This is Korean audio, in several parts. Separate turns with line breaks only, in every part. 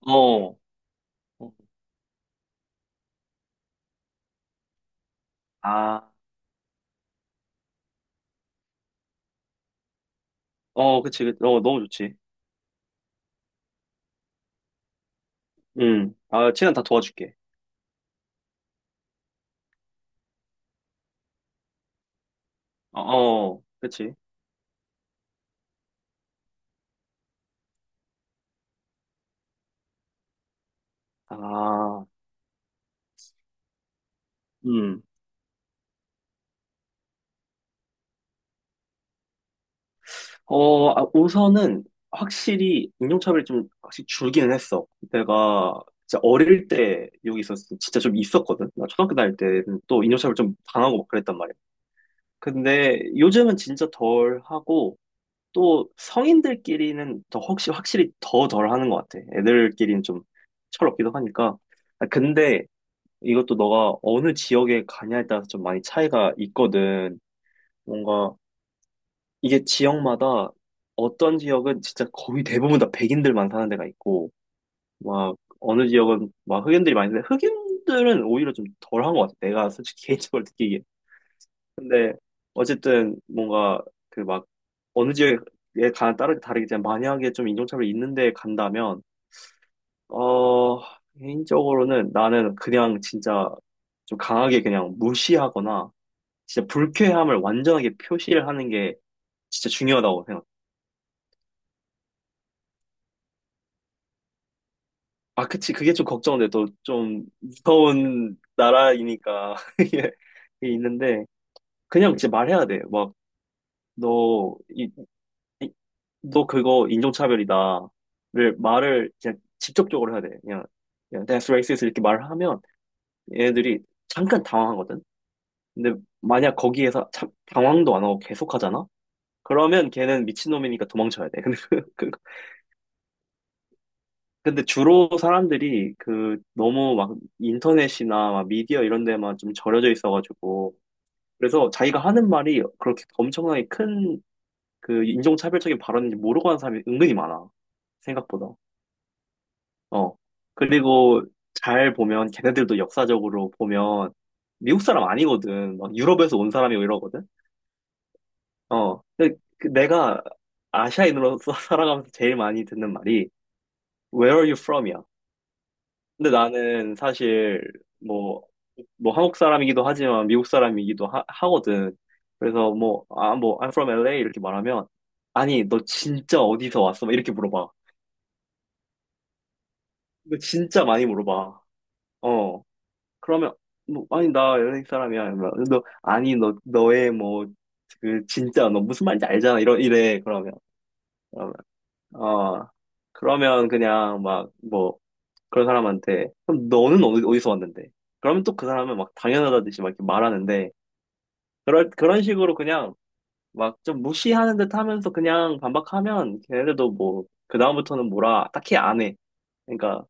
어, 어. 아, 그치. 너무 좋지. 시는다 도와줄게. 그치. 아, 음. 우선은 확실히 인종차별이 좀 확실히 줄기는 했어. 내가 진짜 어릴 때 여기 있었을 때 진짜 좀 있었거든. 나 초등학교 다닐 때는 또 인종차별 좀 당하고 막 그랬단 말이야. 근데 요즘은 진짜 덜 하고 또 성인들끼리는 더 혹시 확실히 더 덜 하는 것 같아. 애들끼리는 좀 철없기도 하니까. 아, 근데 이것도 너가 어느 지역에 가냐에 따라서 좀 많이 차이가 있거든. 뭔가 이게 지역마다 어떤 지역은 진짜 거의 대부분 다 백인들만 사는 데가 있고, 막 어느 지역은 막 흑인들이 많이 사는데 흑인들은 오히려 좀 덜한 것 같아. 내가 솔직히 개인적으로 느끼기에. 근데 어쨌든 뭔가 그 막 어느 지역에 가 따르게 다르겠지만 만약에 좀 인종차별이 있는데 간다면, 어, 개인적으로는 나는 그냥 진짜 좀 강하게 그냥 무시하거나 진짜 불쾌함을 완전하게 표시를 하는 게 진짜 중요하다고 생각. 아, 그치. 그게 좀 걱정돼. 또 좀 무서운 나라이니까. 이게 있는데, 그냥 진짜 말해야 돼. 막, 너, 이, 이- 너 그거 인종차별이다. 를 말을 그냥 직접적으로 해야 돼. 그냥, 그냥 that's racist 이렇게 말을 하면 얘네들이 잠깐 당황하거든. 근데 만약 거기에서 참, 당황도 안 하고 계속 하잖아? 그러면 걔는 미친놈이니까 도망쳐야 돼. 근데 근데 주로 사람들이 그 너무 막 인터넷이나 막 미디어 이런 데만 좀 절여져 있어가지고 그래서 자기가 하는 말이 그렇게 엄청나게 큰 그 인종차별적인 발언인지 모르고 하는 사람이 은근히 많아. 생각보다. 어. 그리고 잘 보면 걔네들도 역사적으로 보면 미국 사람 아니거든. 막 유럽에서 온 사람이고 이러거든. 어. 근데 그 내가 아시아인으로서 살아가면서 제일 많이 듣는 말이 Where are you from이야. 근데 나는 사실 뭐, 뭐 한국 사람이기도 하지만 미국 사람이기도 하거든. 그래서 I'm from LA 이렇게 말하면, 아니, 너 진짜 어디서 왔어? 막 이렇게 물어봐. 너 진짜 많이 물어봐. 어. 그러면, 아니, 나 LA 사람이야. 이러면 너, 아니, 너의 뭐, 그, 진짜, 너 무슨 말인지 알잖아. 이래. 그러면, 어. 그러면 그냥 막, 뭐, 그런 사람한테 그럼 너는 어디서 왔는데? 그러면 또 그 사람은 막 당연하다듯이 막 이렇게 말하는데 그럴 그런 식으로 그냥 막 좀 무시하는 듯 하면서 그냥 반박하면 걔네들도 뭐 그다음부터는 뭐라 딱히 안 해. 그러니까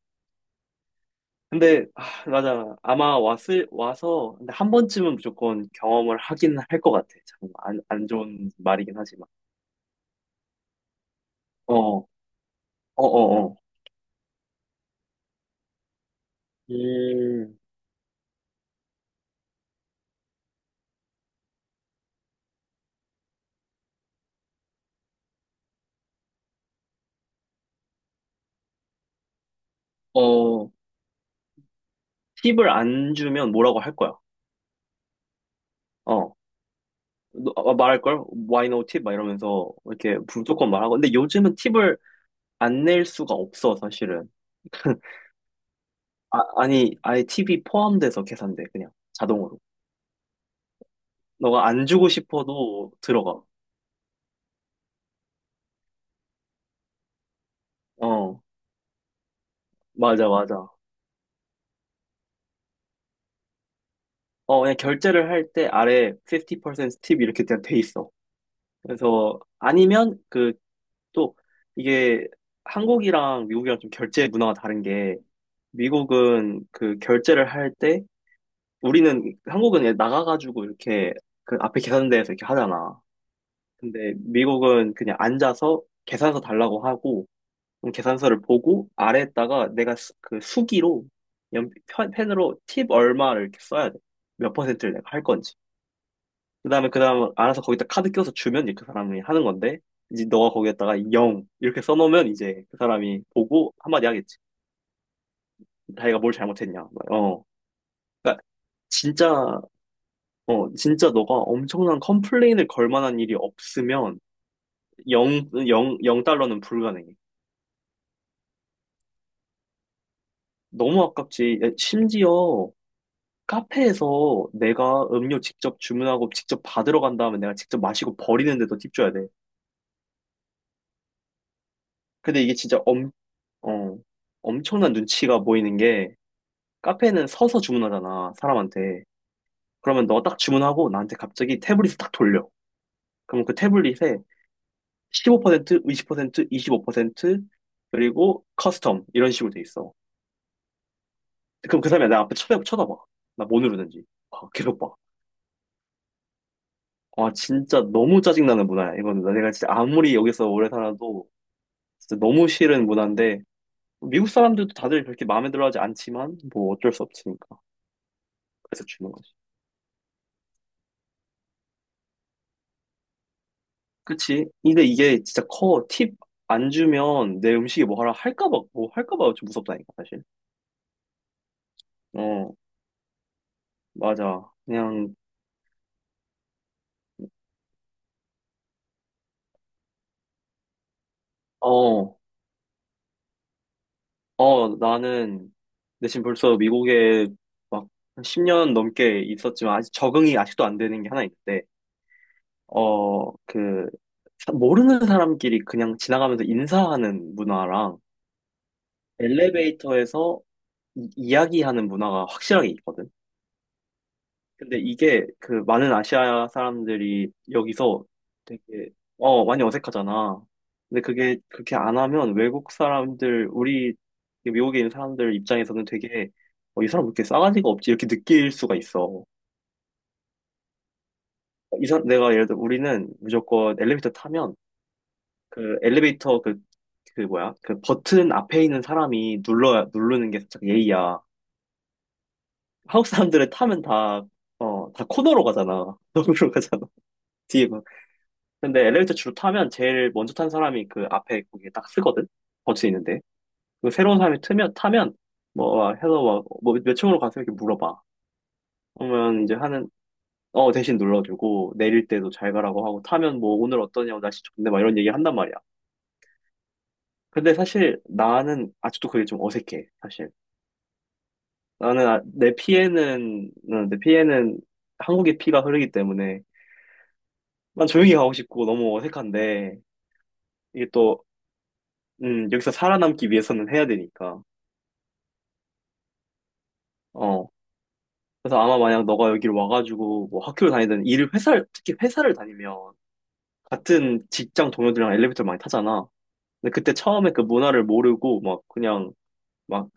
근데 아, 맞아 아마 왔을 와서 근데 한 번쯤은 무조건 경험을 하긴 할 것 같아. 참 안 좋은 말이긴 하지만. 어, 어, 어, 어. 음, 어, 팁을 안 주면 뭐라고 할 거야. 어. 말할걸? Why no tip? 막 이러면서 이렇게 무조건 말하고. 근데 요즘은 팁을 안 낼 수가 없어, 사실은. 아니, 아예 팁이 포함돼서 계산돼, 그냥. 자동으로. 너가 안 주고 싶어도 들어가. 어, 맞아. 어, 그냥 결제를 할 때 아래 50%팁 이렇게 그냥 돼 있어. 그래서, 아니면 그, 또, 이게 한국이랑 미국이랑 좀 결제 문화가 다른 게, 미국은 그 결제를 우리는 한국은 나가가지고 이렇게 그 앞에 계산대에서 이렇게 하잖아. 근데 미국은 그냥 앉아서 계산서 달라고 하고 그럼 계산서를 보고 아래에다가 내가 그 수기로 펜으로 팁 얼마를 이렇게 써야 돼. 몇 퍼센트를 내가 할 건지. 그다음 알아서 거기다 카드 껴서 주면 이제 그 사람이 하는 건데 이제 너가 거기에다가 0 이렇게 써놓으면 이제 그 사람이 보고 한마디 하겠지. 자기가 뭘 잘못했냐. 어. 그러니까 진짜 어, 진짜 너가 엄청난 컴플레인을 걸 만한 일이 없으면 0, 0, 0달러는 불가능해. 너무 아깝지. 심지어 카페에서 내가 음료 직접 주문하고 직접 받으러 간 다음에 내가 직접 마시고 버리는데도 팁 줘야 돼. 근데 이게 진짜 어, 엄청난 눈치가 보이는 게 카페는 서서 주문하잖아, 사람한테. 그러면 너 딱 주문하고 나한테 갑자기 태블릿을 딱 돌려. 그러면 그 태블릿에 15%, 20%, 25%, 그리고 커스텀 이런 식으로 돼 있어. 그럼 그 사람이 내 앞에 쳐다봐. 나 뭐 누르는지. 아, 계속 봐. 아, 진짜 너무 짜증나는 문화야, 이거는. 내가 진짜 아무리 여기서 오래 살아도 진짜 너무 싫은 문화인데, 미국 사람들도 다들 그렇게 마음에 들어 하지 않지만, 뭐 어쩔 수 없으니까. 그래서 주는 거지. 그치? 근데 이게 진짜 커. 팁 안 주면 내 음식이 뭐 하라 할까봐, 뭐 할까봐 좀 무섭다니까, 사실. 어, 맞아. 그냥, 어, 나는 근데 지금 벌써 미국에 막 10년 넘게 있었지만 아직 적응이 아직도 안 되는 게 하나 있는데, 어, 그, 모르는 사람끼리 그냥 지나가면서 인사하는 문화랑 엘리베이터에서 야기하는 문화가 확실하게 있거든. 근데 이게 그 많은 아시아 사람들이 여기서 되게 많이 어색하잖아. 근데 그게 그렇게 안 하면 외국 사람들 우리 미국에 있는 사람들 입장에서는 되게 어, 이 사람 왜 이렇게 싸가지가 없지 이렇게 느낄 수가 있어. 이 사람 내가 예를 들어 우리는 무조건 엘리베이터 타면 그 엘리베이터 그 그 뭐야 그 버튼 앞에 있는 사람이 눌러 누르는 게 살짝 예의야. 한국 사람들은 타면 다 다 코너로 가잖아. 너머로 가잖아. 뒤에 근데 엘리베이터 주로 타면 제일 먼저 탄 사람이 그 앞에 거기에 딱 쓰거든? 버튼 있는데. 그 새로운 사람이 타면, 뭐, 아, 해서 몇 층으로 가세요? 이렇게 물어봐. 그러면 이제 하는, 어, 대신 눌러주고, 내릴 때도 잘 가라고 하고, 타면 뭐, 오늘 어떠냐고, 날씨 좋네, 막 이런 얘기 한단 말이야. 근데 사실 나는 아직도 그게 좀 어색해, 사실. 내 피에는 한국의 피가 흐르기 때문에, 난 조용히 가고 싶고, 너무 어색한데, 이게 또, 여기서 살아남기 위해서는 해야 되니까. 어, 그래서 아마 만약 너가 여기를 와가지고 뭐 학교를 다니든 일을 회사를 특히 회사를 다니면 같은 직장 동료들이랑 엘리베이터를 많이 타잖아. 근데 그때 처음에 그 문화를 모르고 막 그냥 막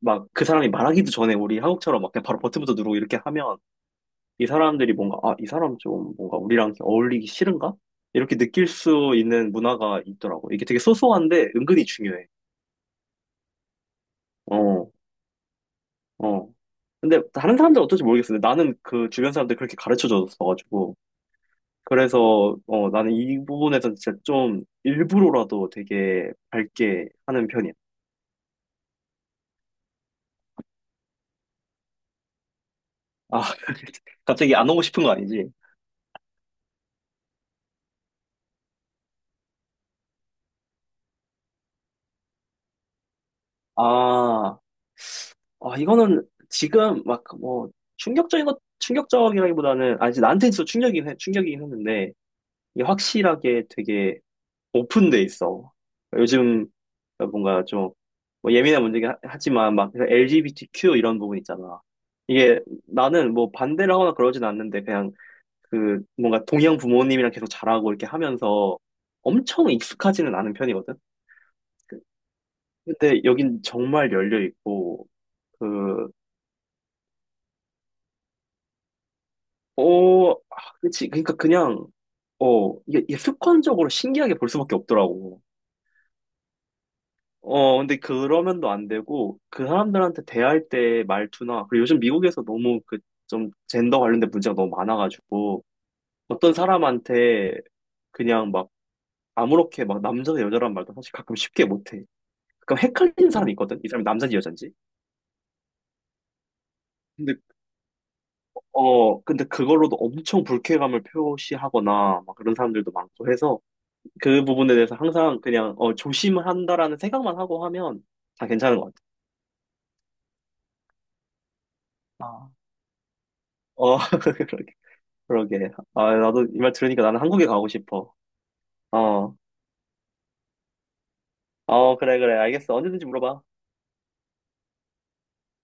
막 그 사람이 말하기도 전에 우리 한국처럼 막 그냥 바로 버튼부터 누르고 이렇게 하면 이 사람들이 뭔가 아, 이 사람 좀 뭔가 우리랑 어울리기 싫은가? 이렇게 느낄 수 있는 문화가 있더라고. 이게 되게 소소한데 은근히 중요해. 어, 어. 근데 다른 사람들 은 어떨지 모르겠어. 근데 나는 그 주변 사람들 그렇게 가르쳐 줬어가지고. 그래서 어, 나는 이 부분에서 진짜 좀 일부러라도 되게 밝게 하는 편이야. 아, 갑자기 안 오고 싶은 거 아니지? 아, 이거는 지금 막 뭐 충격적이라기보다는, 아니, 나한테 있어 충격이긴 했는데, 이게 확실하게 되게 오픈돼 있어. 요즘 뭔가 좀뭐 예민한 문제긴 하지만 막 LGBTQ 이런 부분 있잖아. 이게 나는 뭐 반대를 하거나 그러진 않는데, 그냥 그 뭔가 동양 부모님이랑 계속 자라고 이렇게 하면서 엄청 익숙하지는 않은 편이거든. 그- 근데 여긴 정말 열려 있고 그 어, 아, 그치. 그러니까 그냥 이게 습관적으로 신기하게 볼 수밖에 없더라고. 어, 근데 그러면도 안 되고 그 사람들한테 대할 때 말투나 그리고 요즘 미국에서 너무 그 좀 젠더 관련된 문제가 너무 많아가지고 어떤 사람한테 그냥 막 아무렇게 막 남자 여자란 말도 사실 가끔 쉽게 못해. 그럼 헷갈리는 사람이 있거든. 이 사람이 남자인지 여자인지. 근데 근데 그걸로도 엄청 불쾌감을 표시하거나 막 그런 사람들도 많고 해서 그 부분에 대해서 항상 그냥 어 조심한다라는 생각만 하고 하면 다 괜찮은 것 같아. 아, 어 그러게 그러게. 아 나도 이 말 들으니까 나는 한국에 가고 싶어. 어. 그래 알겠어. 언제든지 물어봐.